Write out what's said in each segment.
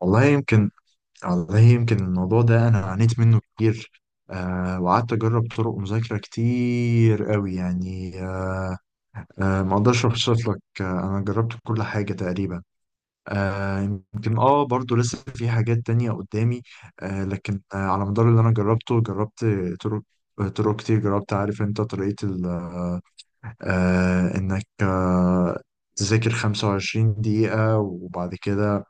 والله يمكن والله يمكن الموضوع ده انا عانيت منه كتير. وقعدت اجرب طرق مذاكره كتير قوي يعني. ما اقدرش اوصف لك، انا جربت كل حاجه تقريبا. آه يمكن برضو لسه في حاجات تانية قدامي. لكن على مدار اللي انا جربته، جربت طرق طرق كتير. جربت، عارف انت، طريقه انك تذاكر 25 دقيقة وبعد كده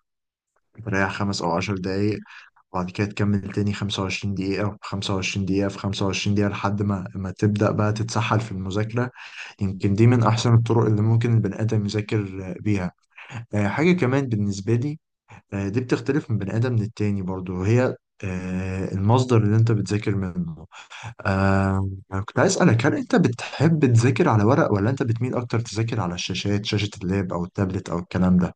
تريح 5 أو 10 دقايق، وبعد كده تكمل تاني 25 دقيقة، في 25 دقيقة، في 25 دقيقة، لحد ما تبدأ بقى تتسحل في المذاكرة. يمكن دي من أحسن الطرق اللي ممكن البني آدم يذاكر بيها. حاجة كمان بالنسبة لي، دي بتختلف من بني آدم للتاني برضو، وهي المصدر اللي أنت بتذاكر منه. كنت عايز أسألك، هل أنت بتحب تذاكر على ورق ولا أنت بتميل أكتر تذاكر على الشاشات، شاشة اللاب أو التابلت أو الكلام ده؟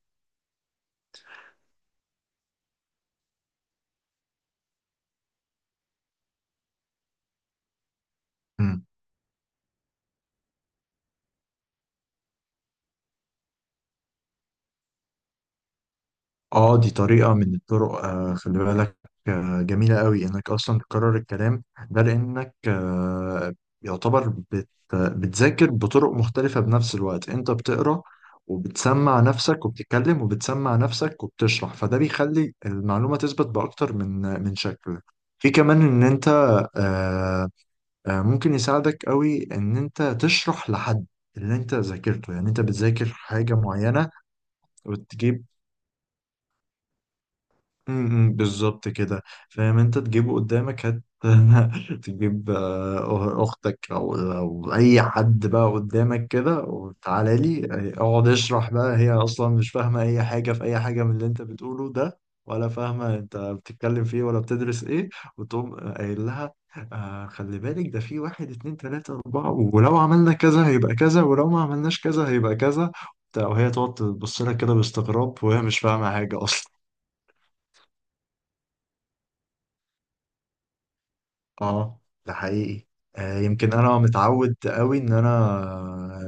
اه، دي طريقة من الطرق. خلي بالك، جميلة قوي انك اصلا تكرر الكلام ده، لانك آه يعتبر بت بتذاكر بطرق مختلفة بنفس الوقت. انت بتقرأ، وبتسمع نفسك، وبتتكلم، وبتسمع نفسك، وبتشرح، فده بيخلي المعلومة تثبت بأكتر من شكل. في كمان ان انت آه ممكن يساعدك قوي ان انت تشرح لحد اللي انت ذاكرته. يعني انت بتذاكر حاجة معينة وتجيب. بالظبط كده. فاهم انت، تجيبه قدامك تجيب، آه، أه، اختك او اي حد بقى قدامك كده، وتعالى لي اقعد اشرح بقى. هي اصلا مش فاهمه اي حاجه في اي حاجه من اللي انت بتقوله ده، ولا فاهمه انت بتتكلم في ايه، ولا بتدرس ايه، وتقوم قايل لها: خلي بالك، ده في 1، 2، 3، 4، ولو عملنا كذا هيبقى كذا، ولو ما عملناش كذا هيبقى كذا، وبتاع. وهي تقعد تبص لك كده باستغراب، وهي مش فاهمه حاجه اصلا. اه، ده حقيقي. يمكن انا متعود قوي ان انا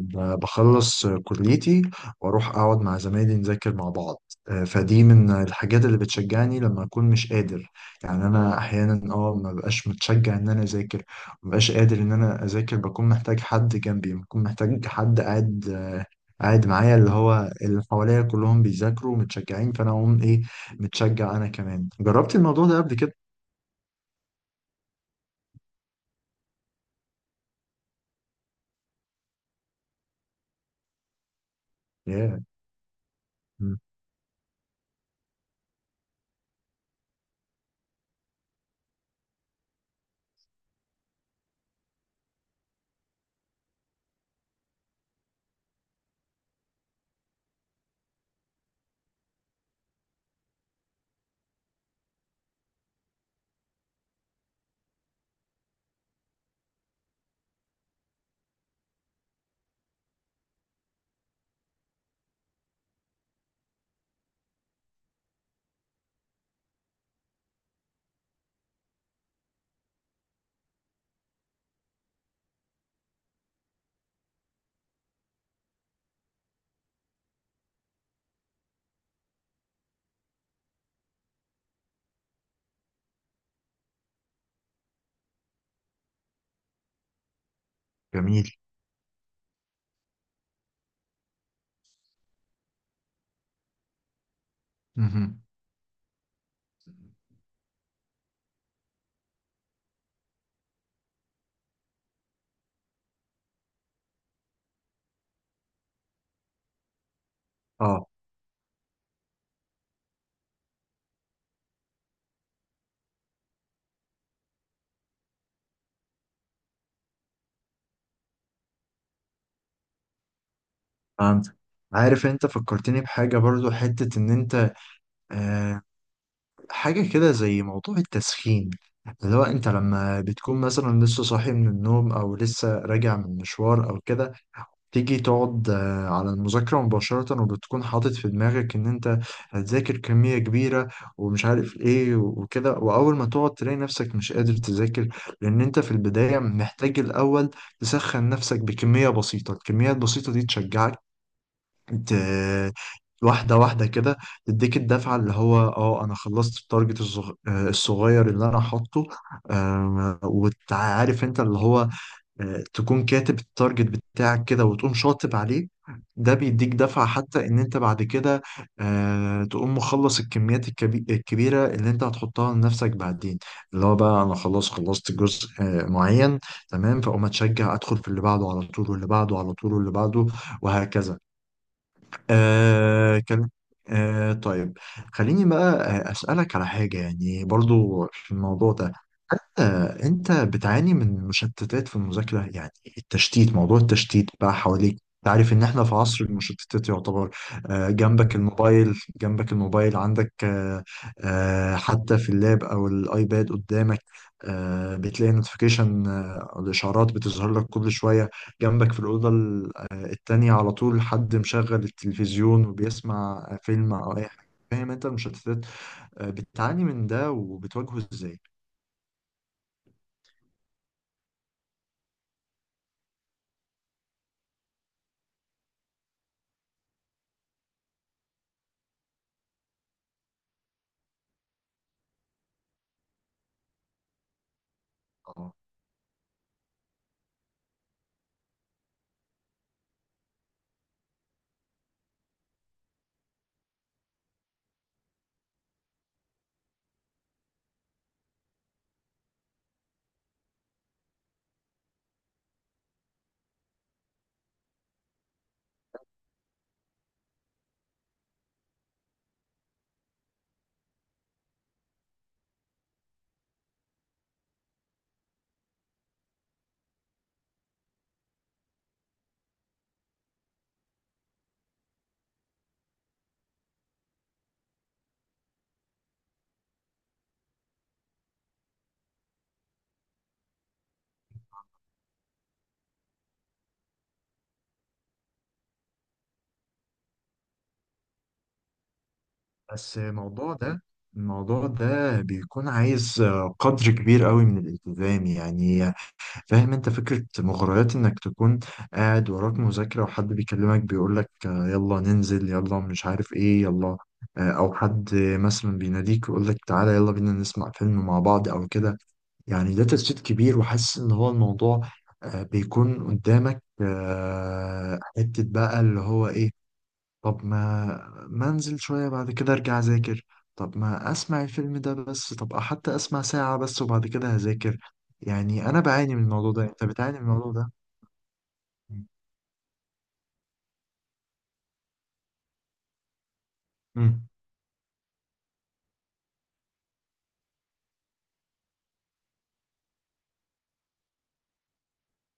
بخلص كليتي، واروح اقعد مع زمايلي نذاكر مع بعض. فدي من الحاجات اللي بتشجعني لما اكون مش قادر. يعني انا احيانا ما بقاش متشجع ان انا اذاكر، ما بقاش قادر ان انا اذاكر، بكون محتاج حد جنبي، بكون محتاج حد قاعد قاعد معايا، اللي هو اللي حواليا كلهم بيذاكروا ومتشجعين، فانا اقوم ايه؟ متشجع. انا كمان جربت الموضوع ده قبل كده. ياه. مم. جميل. مهم. اه. فهمت. عارف انت، فكرتني بحاجة برضو حتة ان انت. آه حاجة كده زي موضوع التسخين، اللي هو انت لما بتكون مثلا لسه صاحي من النوم، او لسه راجع من مشوار او كده، تيجي تقعد على المذاكرة مباشرة، وبتكون حاطط في دماغك إن أنت هتذاكر كمية كبيرة ومش عارف إيه وكده. وأول ما تقعد تلاقي نفسك مش قادر تذاكر، لأن أنت في البداية محتاج الأول تسخن نفسك بكمية بسيطة. الكمية البسيطة دي تشجعك ت... واحدة واحدة كده، تديك الدفعة، اللي هو: اه انا خلصت التارجت الصغير اللي انا حاطه. وتعرف انت اللي هو تكون كاتب التارجت بتاعك كده وتقوم شاطب عليه. ده بيديك دفعة، حتى ان انت بعد كده تقوم مخلص الكميات الكبيرة اللي انت هتحطها لنفسك بعدين، اللي هو بقى: انا خلاص خلصت جزء معين، تمام، فاقوم اتشجع، ادخل في اللي بعده على طول، واللي بعده على طول، واللي بعده، وهكذا. آه كان آه طيب، خليني بقى أسألك على حاجة يعني، برضو في الموضوع ده. انت بتعاني من مشتتات في المذاكرة؟ يعني التشتيت، موضوع التشتيت بقى حواليك، تعرف ان احنا في عصر المشتتات يعتبر. جنبك الموبايل، عندك حتى في اللاب او الايباد قدامك. بتلاقي نوتيفيكيشن او الاشعارات بتظهر لك كل شوية. جنبك في الأوضة التانية على طول حد مشغل التلفزيون وبيسمع فيلم او اي حاجة. فاهم انت المشتتات؟ بتعاني من ده وبتواجهه ازاي؟ آه. بس الموضوع ده، بيكون عايز قدر كبير قوي من الالتزام يعني. فاهم انت فكرة مغريات، انك تكون قاعد وراك مذاكرة وحد بيكلمك بيقولك يلا ننزل، يلا مش عارف ايه، يلا. او حد مثلا بيناديك ويقولك تعالى يلا بينا نسمع فيلم مع بعض او كده. يعني ده تشتيت كبير، وحاسس ان هو الموضوع بيكون قدامك حتة بقى اللي هو ايه. طب ما انزل شوية بعد كده ارجع اذاكر. طب ما اسمع الفيلم ده بس. طب حتى اسمع ساعة بس وبعد كده هذاكر. يعني انا بعاني من الموضوع ده، انت بتعاني من الموضوع ده. امم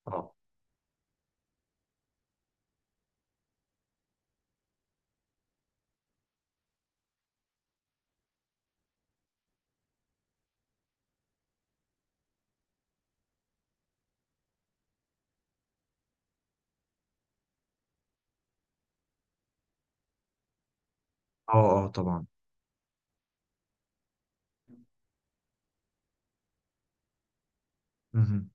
اه. اه. اه طبعا. مهم.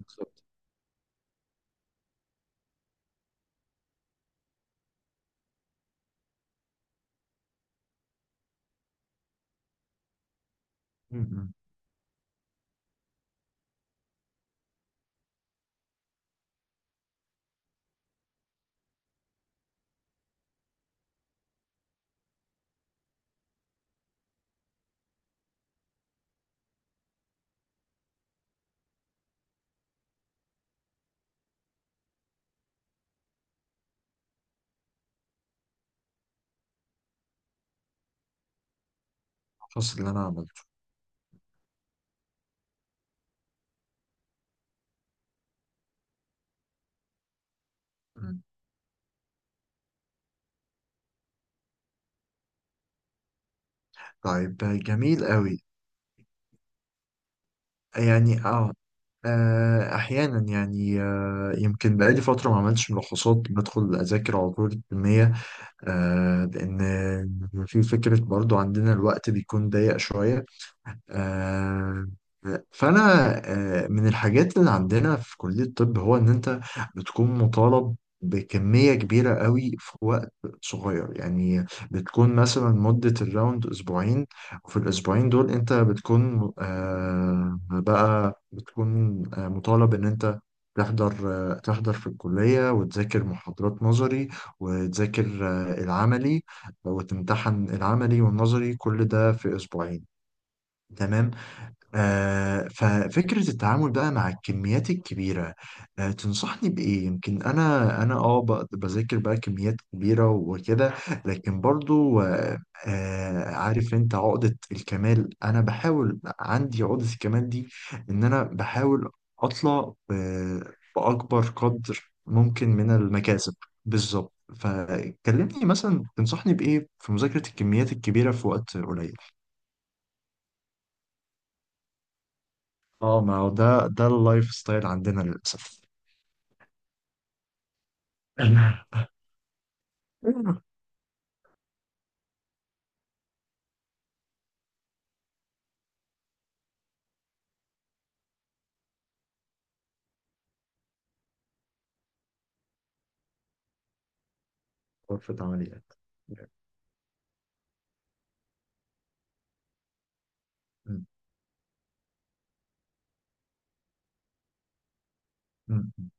بالظبط. امم الفصل اللي انا عملته. مم. طيب. جميل قوي. يعني احيانا يعني يمكن بقالي فتره ما عملتش ملخصات، بدخل اذاكر على طول الكميه، لأن في فكرة برضو عندنا، الوقت بيكون ضيق شوية. آه، فأنا من الحاجات اللي عندنا في كلية الطب، هو إن أنت بتكون مطالب بكمية كبيرة قوي في وقت صغير. يعني بتكون مثلا مدة الراوند أسبوعين، وفي الأسبوعين دول أنت بتكون آه، بقى بتكون آه، مطالب إن أنت تحضر تحضر في الكلية، وتذاكر محاضرات نظري، وتذاكر العملي، وتمتحن العملي والنظري، كل ده في أسبوعين. تمام. ففكرة التعامل بقى مع الكميات الكبيرة، تنصحني بإيه؟ يمكن أنا بذاكر بقى كميات كبيرة وكده، لكن برضو عارف أنت عقدة الكمال، أنا بحاول، عندي عقدة الكمال دي إن أنا بحاول أطلع بأكبر قدر ممكن من المكاسب. بالظبط. فكلمني مثلا، تنصحني بإيه في مذاكرة الكميات الكبيرة في وقت قليل؟ اه ما هو ده اللايف ستايل عندنا للأسف. غرفة عمليات. م- م- م.